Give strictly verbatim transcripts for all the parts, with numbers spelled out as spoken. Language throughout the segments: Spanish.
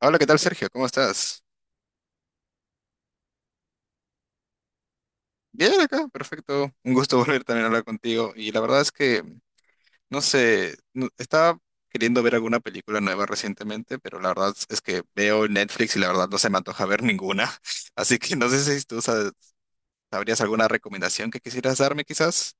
Hola, ¿qué tal, Sergio? ¿Cómo estás? Bien acá, perfecto. Un gusto volver también a hablar contigo. Y la verdad es que, no sé, no- estaba queriendo ver alguna película nueva recientemente, pero la verdad es que veo Netflix y la verdad no se me antoja ver ninguna. Así que no sé si tú sa- sabrías alguna recomendación que quisieras darme, quizás.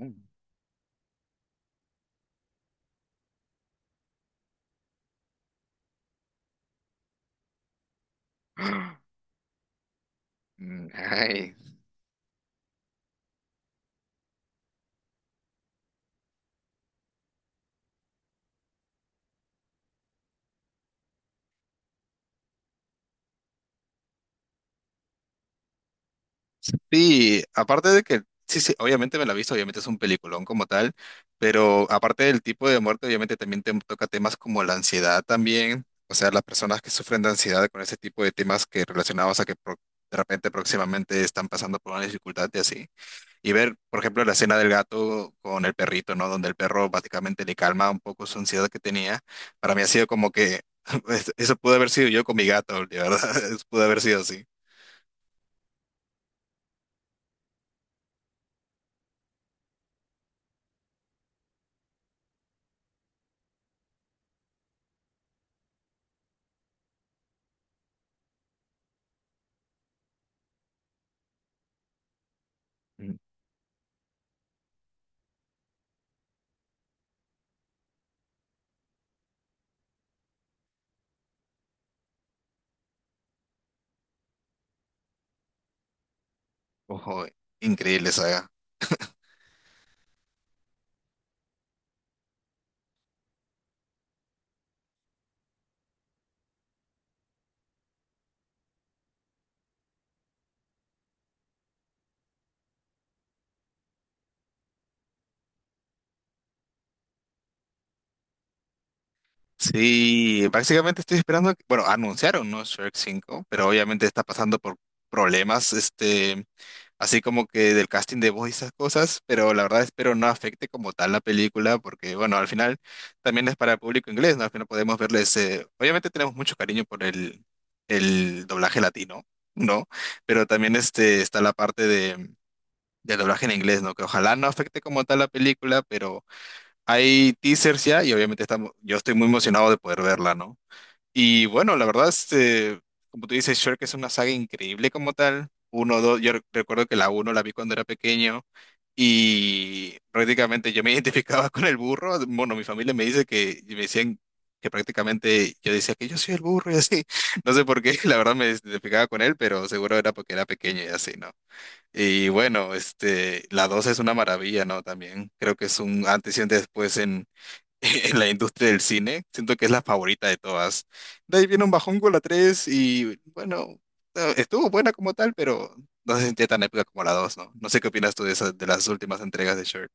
Mm. Mm, ay. Sí, aparte de que, sí, sí, obviamente me la he visto, obviamente es un peliculón como tal, pero aparte del tipo de muerte, obviamente también te toca temas como la ansiedad también, o sea, las personas que sufren de ansiedad con ese tipo de temas que relacionados a que pro- de repente próximamente están pasando por una dificultad y así. Y ver, por ejemplo, la escena del gato con el perrito, ¿no? Donde el perro básicamente le calma un poco su ansiedad que tenía. Para mí ha sido como que, eso pudo haber sido yo con mi gato, de verdad, pudo haber sido así. Ojo, increíble saga. Sí, básicamente estoy esperando, que- bueno, anunciaron, ¿no? Shrek cinco, pero obviamente está pasando por problemas, este, así como que del casting de voz y esas cosas, pero la verdad espero no afecte como tal la película, porque bueno, al final también es para el público inglés, ¿no? Al final podemos verles, eh, obviamente tenemos mucho cariño por el, el doblaje latino, ¿no? Pero también este, está la parte de, del doblaje en inglés, ¿no? Que ojalá no afecte como tal la película, pero... Hay teasers ya y obviamente estamos, yo estoy muy emocionado de poder verla, ¿no? Y bueno, la verdad, este, como tú dices, Shrek es una saga increíble como tal. Uno, dos, yo rec- recuerdo que la uno la vi cuando era pequeño y prácticamente yo me identificaba con el burro. Bueno, mi familia me dice que, y me decían que prácticamente yo decía que yo soy el burro y así. No sé por qué, la verdad me identificaba con él, pero seguro era porque era pequeño y así, ¿no? Y bueno, este, la dos es una maravilla, ¿no? También creo que es un antes y un después en la industria del cine. Siento que es la favorita de todas. De ahí viene un bajón con la tres y bueno, eh, estuvo buena como tal, pero no se sentía tan épica como la dos, ¿no? No sé qué opinas tú de esas, de las últimas entregas de Shrek.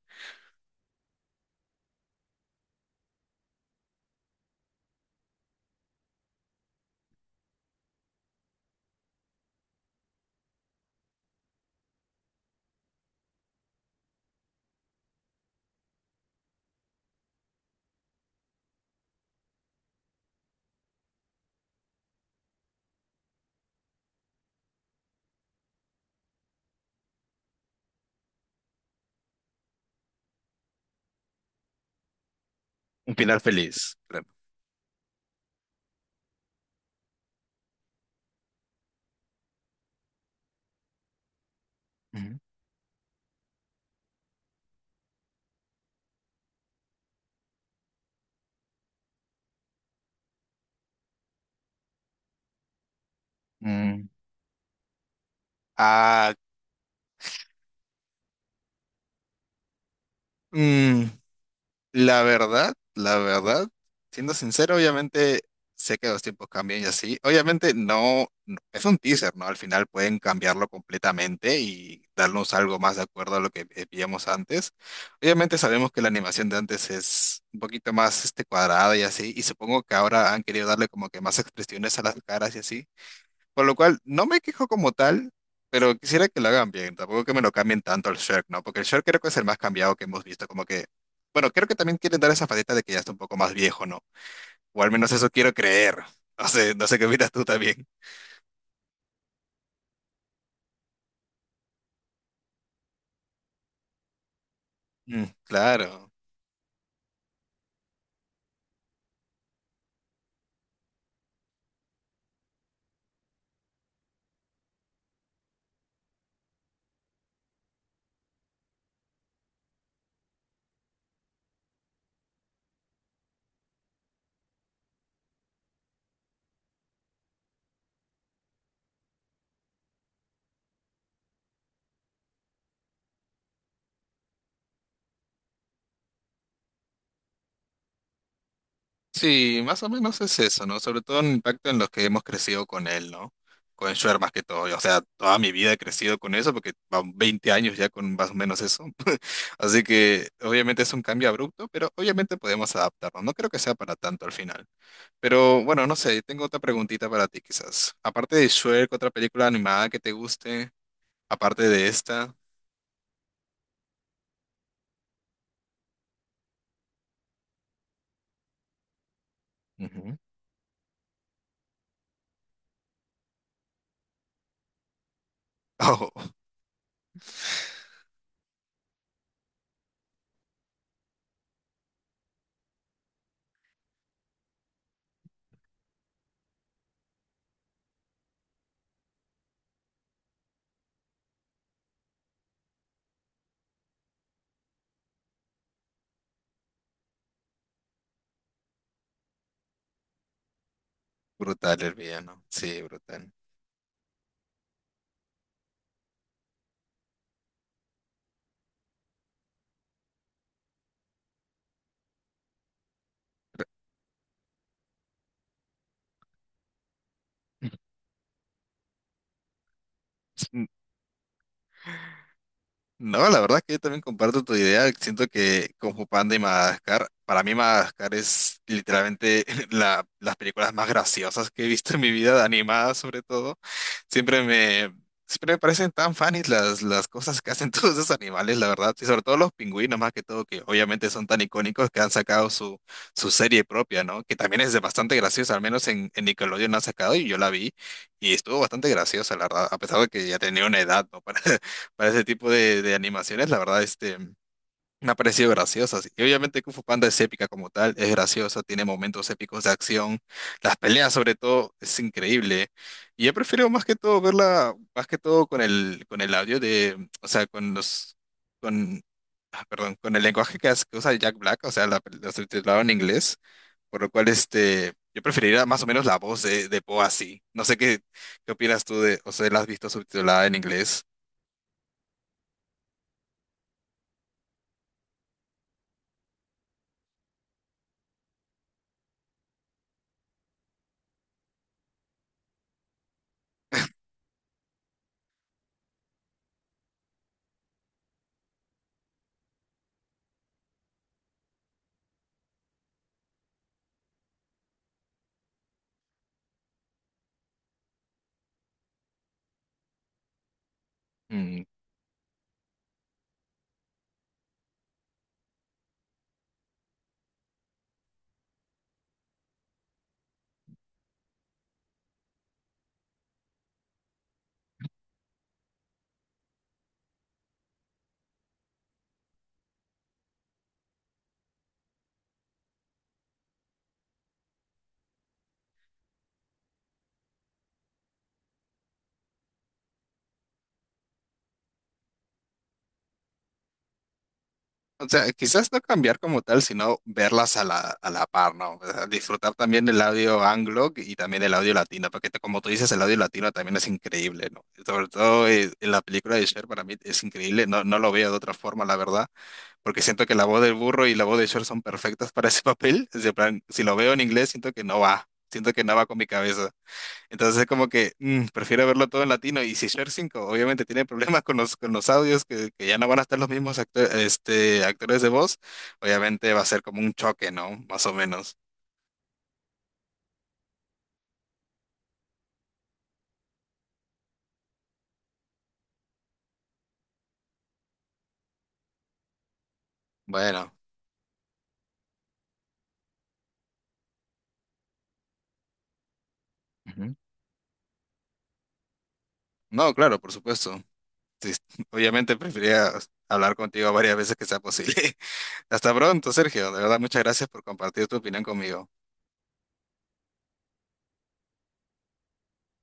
Un final feliz, claro. Ujú. Mm, Ah, mm, La verdad, la verdad, siendo sincero, obviamente sé que los tiempos cambian y así. Obviamente no, no- es un teaser, ¿no? Al final pueden cambiarlo completamente y darnos algo más de acuerdo a lo que eh, veíamos antes. Obviamente sabemos que la animación de antes es un poquito más este, cuadrada y así, y supongo que ahora han querido darle como que más expresiones a las caras y así. Por lo cual, no me quejo como tal, pero quisiera que lo hagan bien. Tampoco que me lo cambien tanto al Shrek, ¿no? Porque el Shrek creo que es el más cambiado que hemos visto. Como que, bueno, creo que también quieren dar esa faceta de que ya está un poco más viejo, ¿no? O al menos eso quiero creer. No sé, no sé qué opinas tú también. Mm, claro. Sí, más o menos es eso, ¿no? Sobre todo el impacto en los que hemos crecido con él, ¿no? Con Schwer más que todo. O sea, toda mi vida he crecido con eso porque van veinte años ya con más o menos eso. Así que obviamente es un cambio abrupto, pero obviamente podemos adaptarnos. No creo que sea para tanto al final. Pero bueno, no sé, tengo otra preguntita para ti quizás. Aparte de Shrek, otra película animada que te guste, aparte de esta. Ujú. Oh, brutal el villano. Sí, brutal. No, la verdad que yo también comparto tu idea. Siento que como Panda y Madagascar, para mí Madagascar es literalmente la- las películas más graciosas que he visto en mi vida, animadas sobre todo. Siempre me, siempre me parecen tan funny las, las cosas que hacen todos esos animales, la verdad. Y sobre todo los pingüinos, más que todo, que obviamente son tan icónicos que han sacado su, su, serie propia, ¿no? Que también es de bastante graciosa, al menos en, en Nickelodeon la han sacado y yo la vi. Y estuvo bastante graciosa, la verdad, a pesar de que ya tenía una edad, ¿no? para ese tipo de, de animaciones, la verdad, este, me ha parecido graciosa. Sí. Y obviamente Kung Fu Panda es épica como tal, es graciosa, tiene momentos épicos de acción, las peleas sobre todo, es increíble. Y yo prefiero más que todo verla, más que todo con el, con el, audio de, o sea, con los, con, ah, perdón, con el lenguaje que, hace- que usa Jack Black, o sea, la, la, subtitulado en inglés, por lo cual, este, yo preferiría más o menos la voz de, de, Poe así. No sé qué, qué opinas tú de, o sea, la has visto subtitulada en inglés. O sea, quizás no cambiar como tal, sino verlas a la, a la par, ¿no? O sea, disfrutar también del audio anglo y también del audio latino, porque te- como tú dices, el audio latino también es increíble, ¿no? Sobre todo eh, en la película de Cher para mí es increíble, no, no lo veo de otra forma, la verdad, porque siento que la voz del burro y la voz de Cher son perfectas para ese papel. Es de plan, si lo veo en inglés, siento que no va, siento que no va con mi cabeza. Entonces es como que mm, prefiero verlo todo en latino. Y si Share cinco obviamente tiene problemas con los, con los, audios, que, que ya no van a estar los mismos acto- este, actores de voz, obviamente va a ser como un choque, ¿no? Más o menos. Bueno, ujú. No, claro, por supuesto. Sí, obviamente preferiría hablar contigo varias veces que sea posible. Hasta pronto, Sergio. De verdad, muchas gracias por compartir tu opinión conmigo.